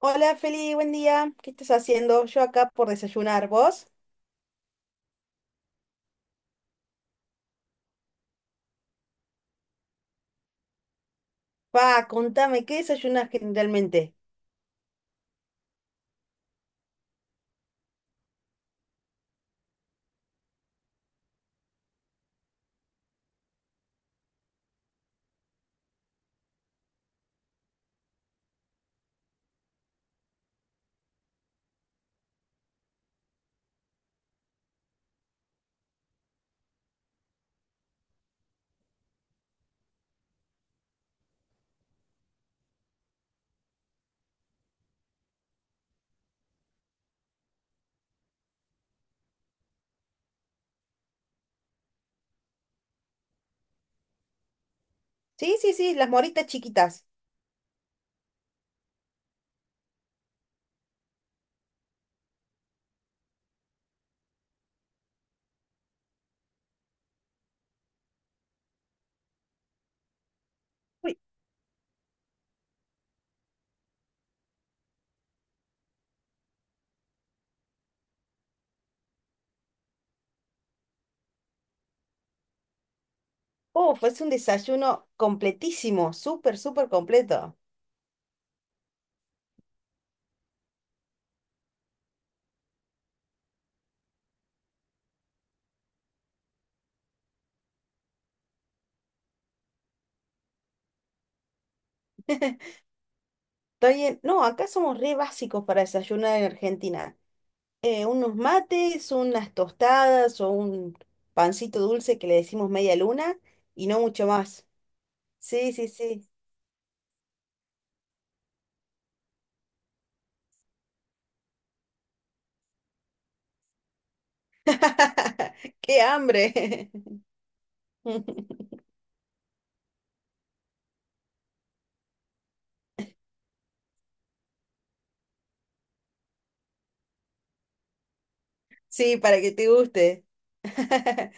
Hola Feli, buen día. ¿Qué estás haciendo? Yo acá por desayunar. ¿Vos? Pa, contame, ¿qué desayunas generalmente? Sí, sí, sí, las moritas chiquitas. Uy, uf, es un desayuno completísimo, súper, súper completo. Está bien. No, acá somos re básicos para desayunar en Argentina. Unos mates, unas tostadas o un pancito dulce que le decimos media luna y no mucho más. Sí, sí, sí. ¡Qué hambre! Sí, para que te guste.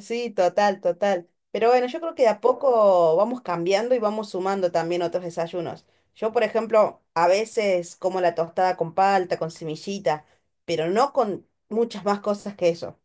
Sí, total, total. Pero bueno, yo creo que de a poco vamos cambiando y vamos sumando también otros desayunos. Yo, por ejemplo, a veces como la tostada con palta, con semillita, pero no con muchas más cosas que eso.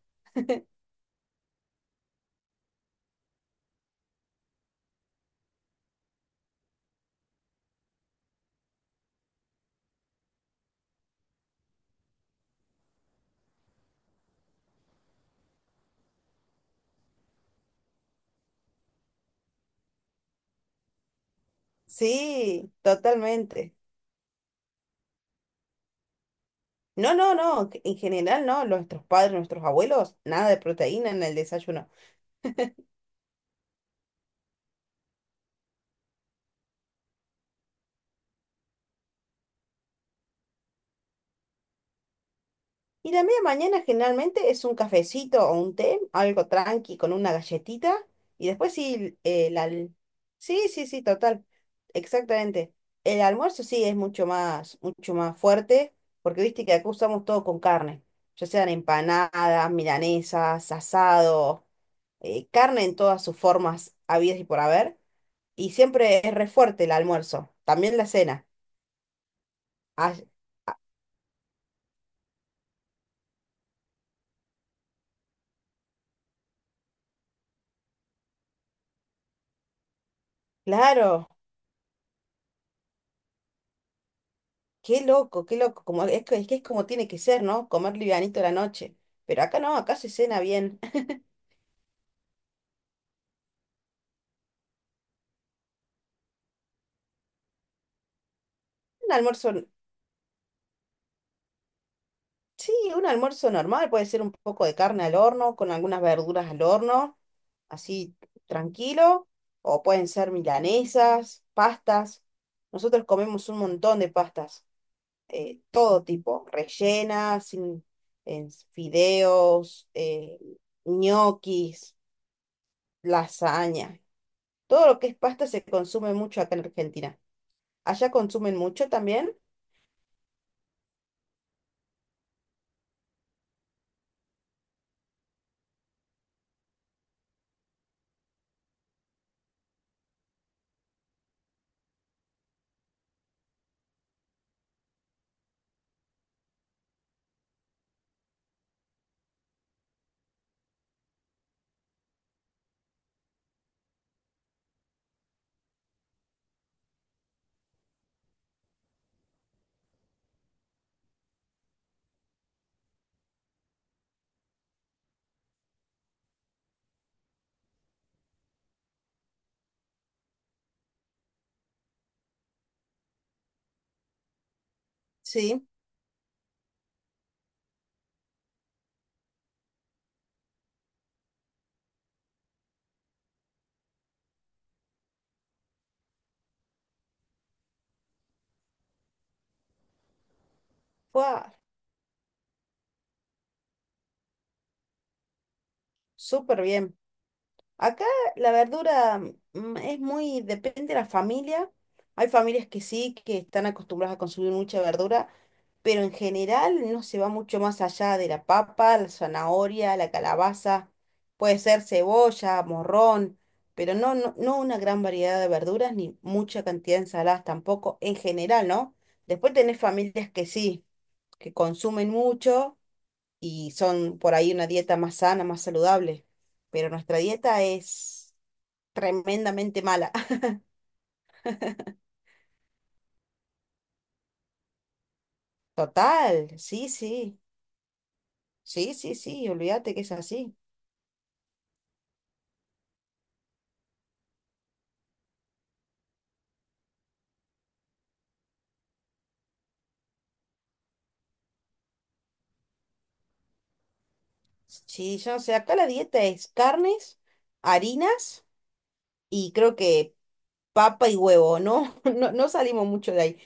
Sí, totalmente. No, no, no, en general no, nuestros padres, nuestros abuelos, nada de proteína en el desayuno. Y la media mañana generalmente es un cafecito o un té, algo tranqui con una galletita. Y después sí, Sí, sí, sí, total. Exactamente. El almuerzo sí es mucho más fuerte, porque viste que acá usamos todo con carne, ya sean empanadas, milanesas, asado, carne en todas sus formas habidas y por haber. Y siempre es re fuerte el almuerzo, también la cena. Ah, ah, claro. Qué loco, qué loco. Como, es, que es que es como tiene que ser, ¿no? Comer livianito a la noche. Pero acá no, acá se cena bien. Un almuerzo, sí, un almuerzo normal. Puede ser un poco de carne al horno, con algunas verduras al horno, así tranquilo. O pueden ser milanesas, pastas. Nosotros comemos un montón de pastas, todo tipo, rellenas, en fideos, ñoquis, lasaña. Todo lo que es pasta se consume mucho acá en Argentina. ¿Allá consumen mucho también? Sí, ¡fua! Súper bien. Acá la verdura es muy, depende de la familia. Hay familias que sí, que están acostumbradas a consumir mucha verdura, pero en general no se va mucho más allá de la papa, la zanahoria, la calabaza, puede ser cebolla, morrón, pero no, una gran variedad de verduras ni mucha cantidad de ensaladas tampoco, en general, ¿no? Después tenés familias que sí, que consumen mucho y son por ahí una dieta más sana, más saludable, pero nuestra dieta es tremendamente mala. Total, sí, sí, sí, sí, sí, olvídate que es así. Sí, yo no sé, acá la dieta es carnes, harinas y creo que papa y huevo, ¿no? No, no salimos mucho de ahí.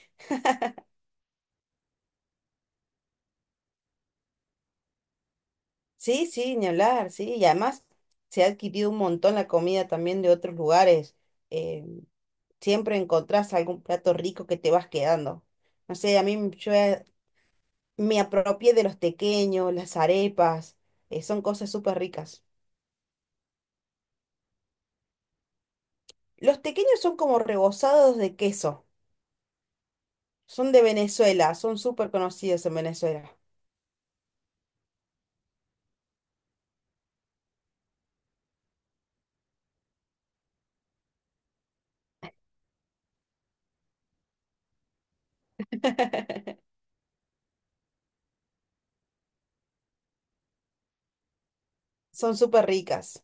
Sí, sí, ni hablar, sí, y además se ha adquirido un montón la comida también de otros lugares. Eh, siempre encontrás algún plato rico que te vas quedando. No sé, a mí yo he me apropié de los tequeños, las arepas, son cosas súper ricas. Los tequeños son como rebozados de queso, son de Venezuela, son súper conocidos en Venezuela. Son súper ricas.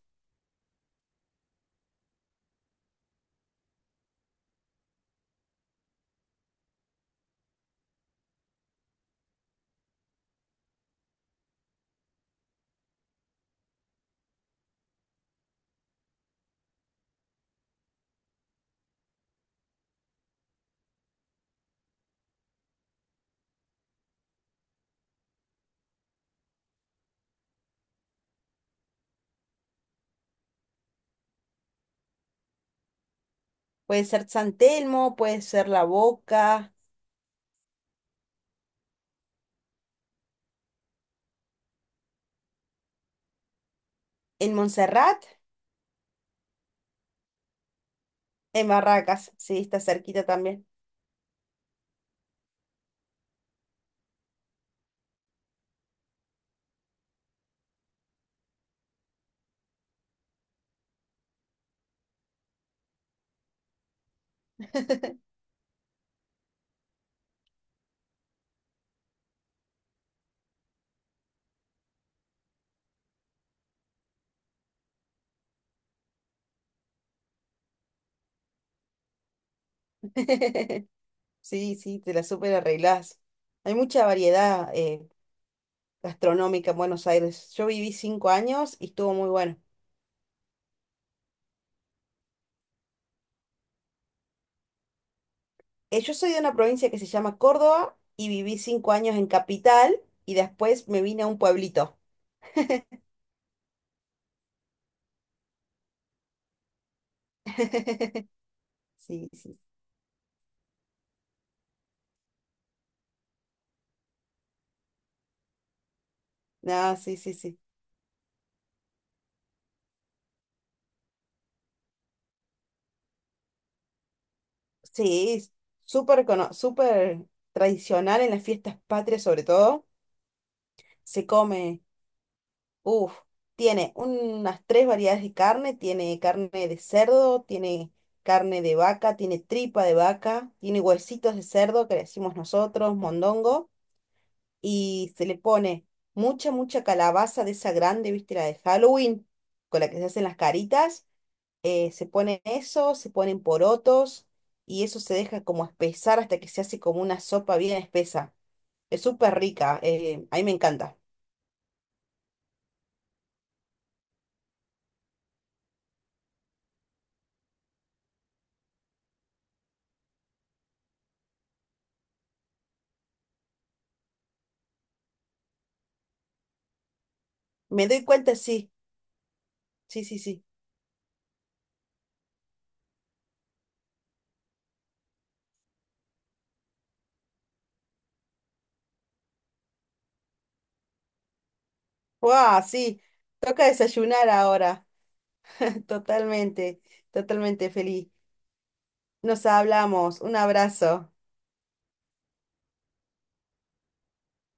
Puede ser San Telmo, puede ser La Boca, en Montserrat, en Barracas, sí, está cerquita también. Sí, sí, te la súper arreglás. Hay mucha variedad gastronómica en Buenos Aires. Yo viví 5 años y estuvo muy bueno. Yo soy de una provincia que se llama Córdoba y viví 5 años en capital y después me vine a un pueblito. Sí, sí. No, sí, sí, sí. Sí, es súper tradicional en las fiestas patrias sobre todo. Se come, uff, tiene unas 3 variedades de carne, tiene carne de cerdo, tiene carne de vaca, tiene tripa de vaca, tiene huesitos de cerdo que le decimos nosotros, mondongo. Y se le pone mucha, mucha calabaza de esa grande, viste, la de Halloween, con la que se hacen las caritas, se pone eso, se ponen porotos y eso se deja como espesar hasta que se hace como una sopa bien espesa. Es súper rica, a mí me encanta. Me doy cuenta, sí, sí, sí, sí. ¡Wow! Sí, toca desayunar ahora. Totalmente, totalmente feliz. Nos hablamos, un abrazo.